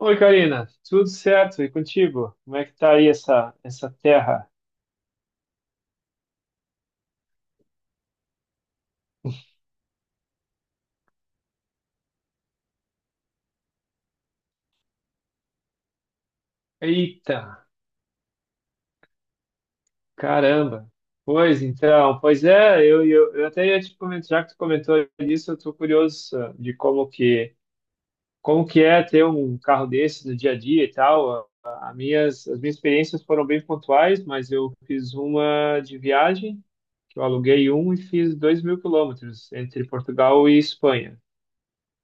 Oi, Karina, tudo certo? E contigo? Como é que tá aí essa terra? Eita, caramba! Pois então, pois é, eu até ia te comentar, já que tu comentou isso, eu estou curioso de como que é ter um carro desse no dia a dia e tal. As minhas experiências foram bem pontuais, mas eu fiz uma de viagem, que eu aluguei um e fiz 2.000 quilômetros entre Portugal e Espanha.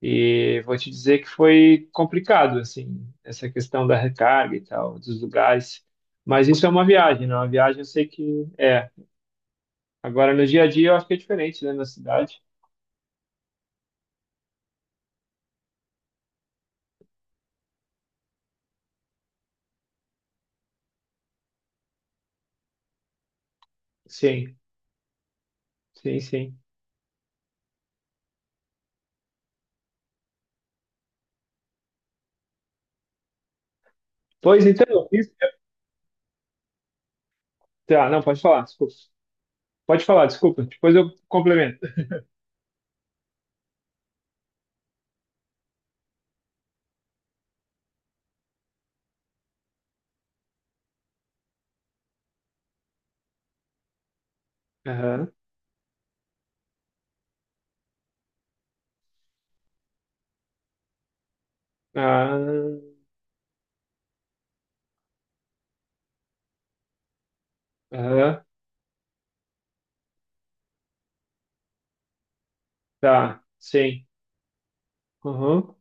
E vou te dizer que foi complicado, assim, essa questão da recarga e tal, dos lugares. Mas isso é uma viagem, não? Uma viagem eu sei que é. Agora, no dia a dia, eu acho que é diferente, né, na cidade. Sim, sim, sim. Pois então, eu fiz. Tá, não, pode falar, desculpa. Pode falar, desculpa. Depois eu complemento. Aham, ah, aham, tá, sim. Uhum,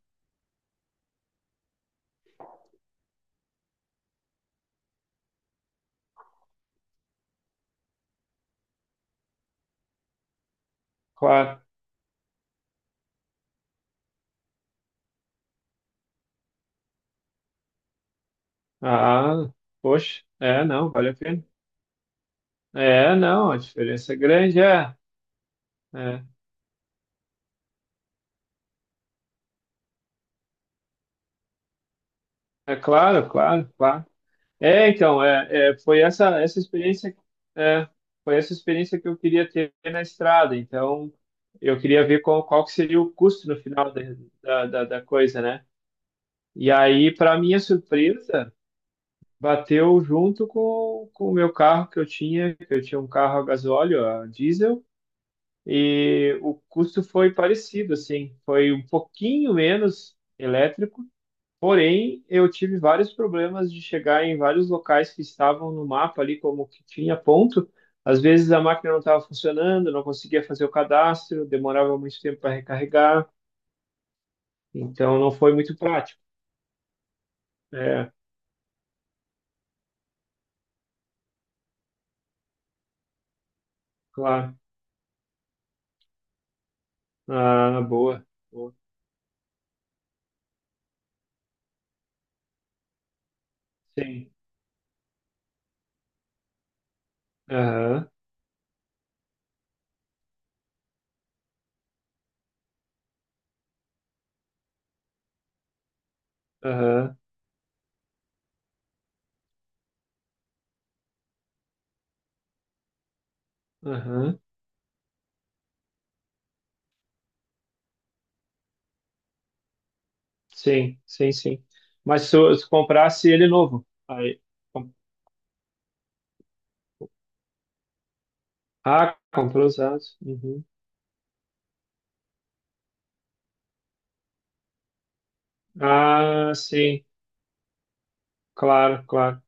claro. Ah, poxa, é, não, vale a pena. É, não, a diferença é grande, é. É. É claro, claro, claro. É, então, é, foi essa experiência, é, foi essa experiência que eu queria ter na estrada. Então, eu queria ver qual que seria o custo no final da, coisa, né? E aí, para minha surpresa, bateu junto com o meu carro que eu tinha um carro a gasóleo, a diesel, e o custo foi parecido, assim, foi um pouquinho menos elétrico. Porém, eu tive vários problemas de chegar em vários locais que estavam no mapa ali, como que tinha ponto. Às vezes a máquina não estava funcionando, não conseguia fazer o cadastro, demorava muito tempo para recarregar, então não foi muito prático. É, claro. Ah, boa. Boa. Sim. Aham, aham, aham. Sim, sim, sim. Mas se comprasse ele novo, aí. com- Ah, comprou usado. Uhum. Ah, sim, claro, claro.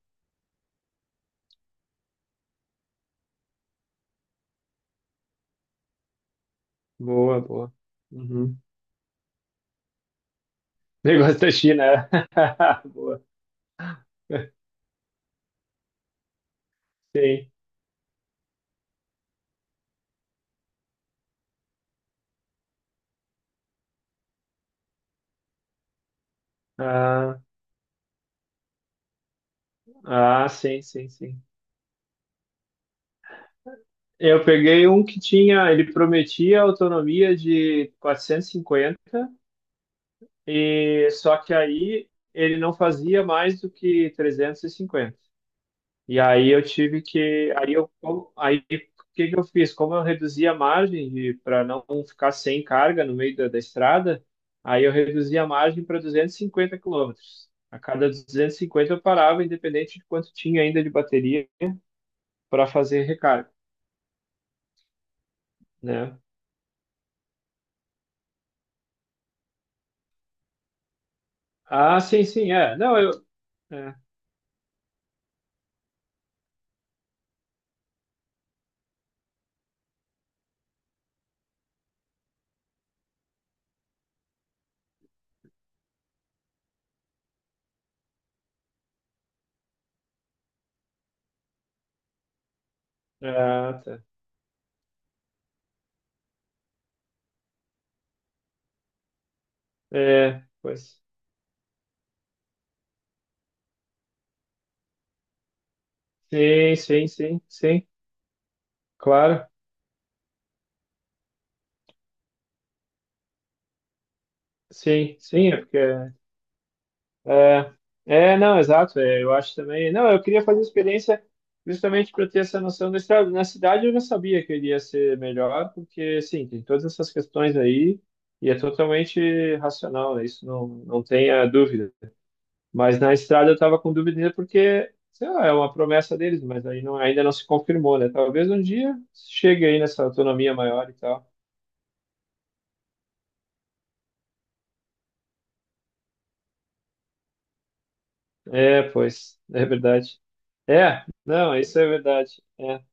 Boa, boa. Uhum. Negócio da China, é. Boa. Sim. Ah, ah, sim, sim, sim. Eu peguei um que tinha, ele prometia autonomia de 450, e só que aí ele não fazia mais do que 350. E aí eu tive que, aí o que que eu fiz? Como eu reduzi a margem para não ficar sem carga no meio da estrada, aí eu reduzi a margem para 250 quilômetros. A cada 250 eu parava, independente de quanto tinha ainda de bateria para fazer recarga, né? Ah, sim, sim, é. Não, eu. É, tá. É, pois. Sim, sim, sim, sim. Claro. Sim, sim, é porque É, é, não, exato. É, eu acho também. Não, eu queria fazer experiência justamente para ter essa noção da estrada. Na cidade eu já sabia que iria ser melhor, porque, sim, tem todas essas questões aí e é totalmente racional, né? Isso não, não tenha dúvida. Mas na estrada eu estava com dúvida ainda porque, sei lá, é uma promessa deles, mas aí não, ainda não se confirmou, né? Talvez um dia chegue aí nessa autonomia maior e tal. É, pois, é verdade. É, não, isso é verdade. É,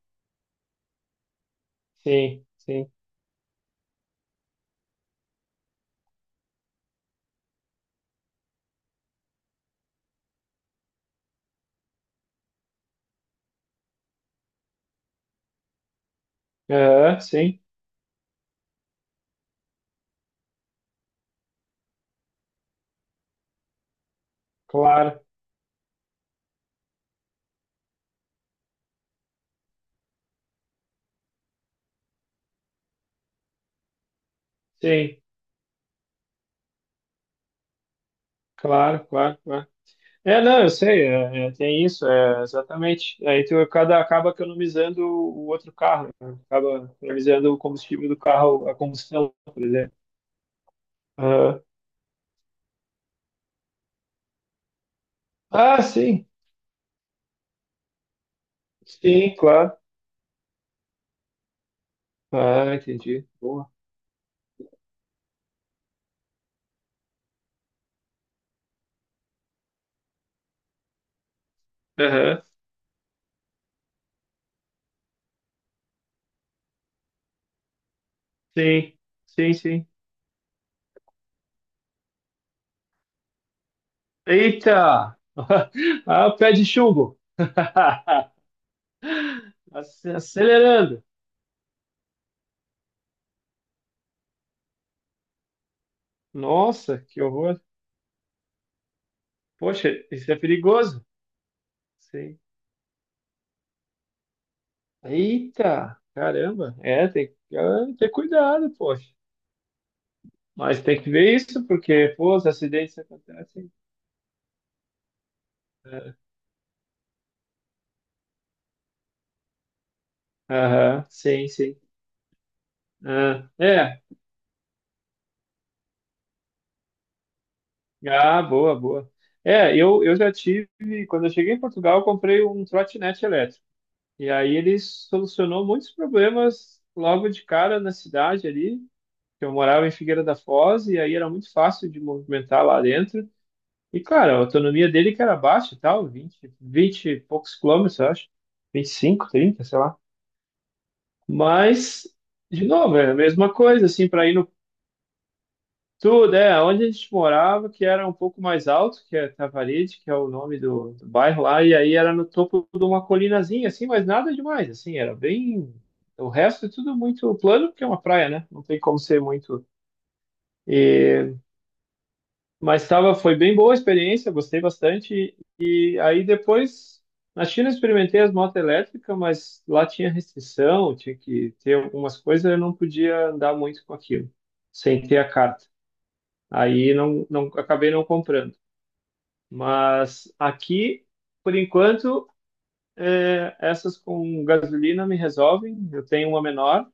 sim, sim. Aham, claro, sim, claro, claro, claro. É, não, eu sei, é, tem isso, é, exatamente. Aí tu cada acaba economizando o outro carro, né? Acaba economizando o combustível do carro, a combustão, por exemplo. Aham. Ah, sim, sim, claro. Ah, entendi. Boa. Aham, sim, sim, sim. Eita! Ah, pé de chumbo. Acelerando. Nossa, que horror. Poxa, isso é perigoso. Sei. Eita, caramba. É, tem que ter cuidado, poxa. Mas tem que ver isso, porque, pô, os acidentes acontecem. É. Aham, sim, sim. Ah, é, ah, boa, boa. É, eu já tive, quando eu cheguei em Portugal, eu comprei um trotinete elétrico. E aí ele solucionou muitos problemas logo de cara na cidade ali, que eu morava em Figueira da Foz, e aí era muito fácil de movimentar lá dentro. E, cara, a autonomia dele que era baixa e tal, vinte e poucos quilômetros, eu acho. 25 30, sei lá. Mas, de novo, é a mesma coisa, assim, para ir no tudo, é, onde a gente morava, que era um pouco mais alto, que é Tavaride, que é o nome do bairro lá, e aí era no topo de uma colinazinha, assim, mas nada demais, assim, era bem. O resto é tudo muito plano, porque é uma praia, né? Não tem como ser muito. E, mas tava, foi bem boa a experiência, gostei bastante. E aí depois, na China eu experimentei as motos elétricas, mas lá tinha restrição, tinha que ter algumas coisas, eu não podia andar muito com aquilo, sem ter a carta. Aí não, não acabei não comprando. Mas aqui, por enquanto, é, essas com gasolina me resolvem. Eu tenho uma menor,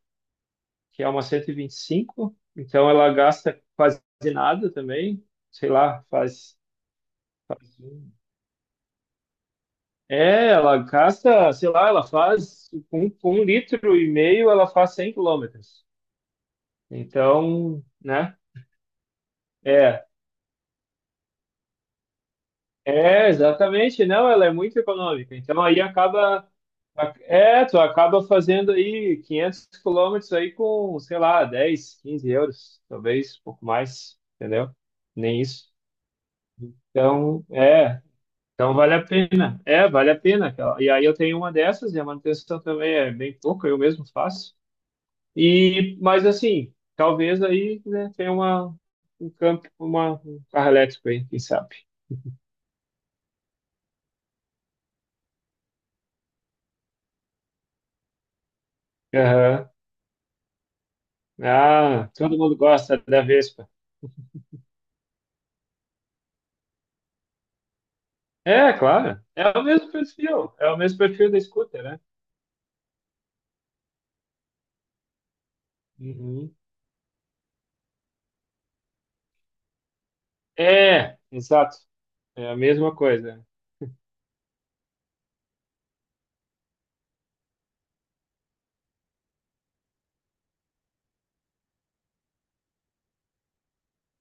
que é uma 125, então ela gasta quase nada também, sei lá, faz. É, ela gasta, sei lá, ela faz com um litro e meio, ela faz 100 quilômetros. Então, né? É, é, exatamente. Não, ela é muito econômica. Então aí acaba, é, tu acaba fazendo aí 500 quilômetros aí com, sei lá, 10, 15 euros, talvez um pouco mais, entendeu? Nem isso. Então, é, então vale a pena. É, vale a pena. E aí eu tenho uma dessas e a manutenção também é bem pouca, eu mesmo faço. E, mas assim, talvez aí, né, tenha uma, um campo, uma, um carro elétrico aí, quem sabe. Aham. Ah, todo mundo gosta da Vespa. É, claro. É o mesmo perfil. É o mesmo perfil da scooter, né? Uhum. É, exato. É a mesma coisa.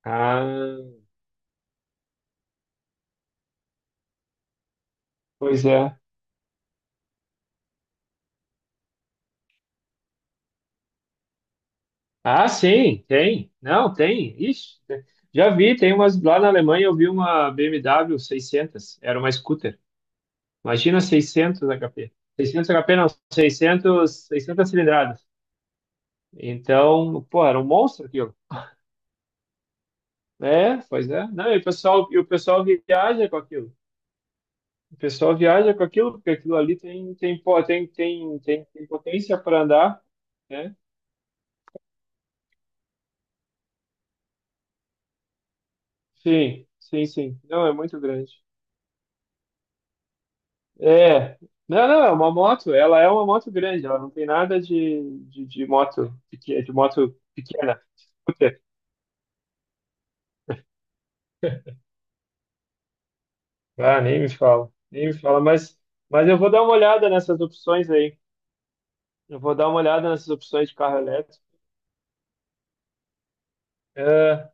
Ah, pois é. Ah, sim, tem. Não, tem. Ixi, já vi, tem umas lá na Alemanha, eu vi uma BMW 600, era uma scooter. Imagina 600 HP. 600 HP não, 600, 600 cilindradas. Então, pô, era um monstro aquilo. É, pois é. Não, e o pessoal viaja com aquilo. O pessoal viaja com aquilo, porque aquilo ali tem, tem, pô, tem, tem, tem, tem potência para andar, né? Sim, sim, sim. Não, é muito grande. É. Não, não, é uma moto. Ela é uma moto grande. Ela não tem nada de moto, de moto pequena. Ah, nem me fala, nem me fala, mas eu vou dar uma olhada nessas opções aí. Eu vou dar uma olhada nessas opções de carro elétrico. ah,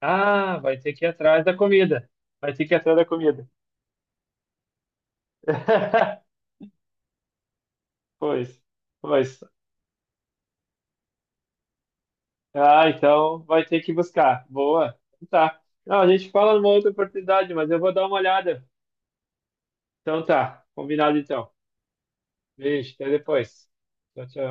ah, vai ter que ir atrás da comida. Vai ter que ir atrás da comida. Pois, pois. Ah, então vai ter que buscar. Boa. Então tá. Não, a gente fala numa outra oportunidade, mas eu vou dar uma olhada. Então tá, combinado então. Beijo, até depois. Tchau, tchau.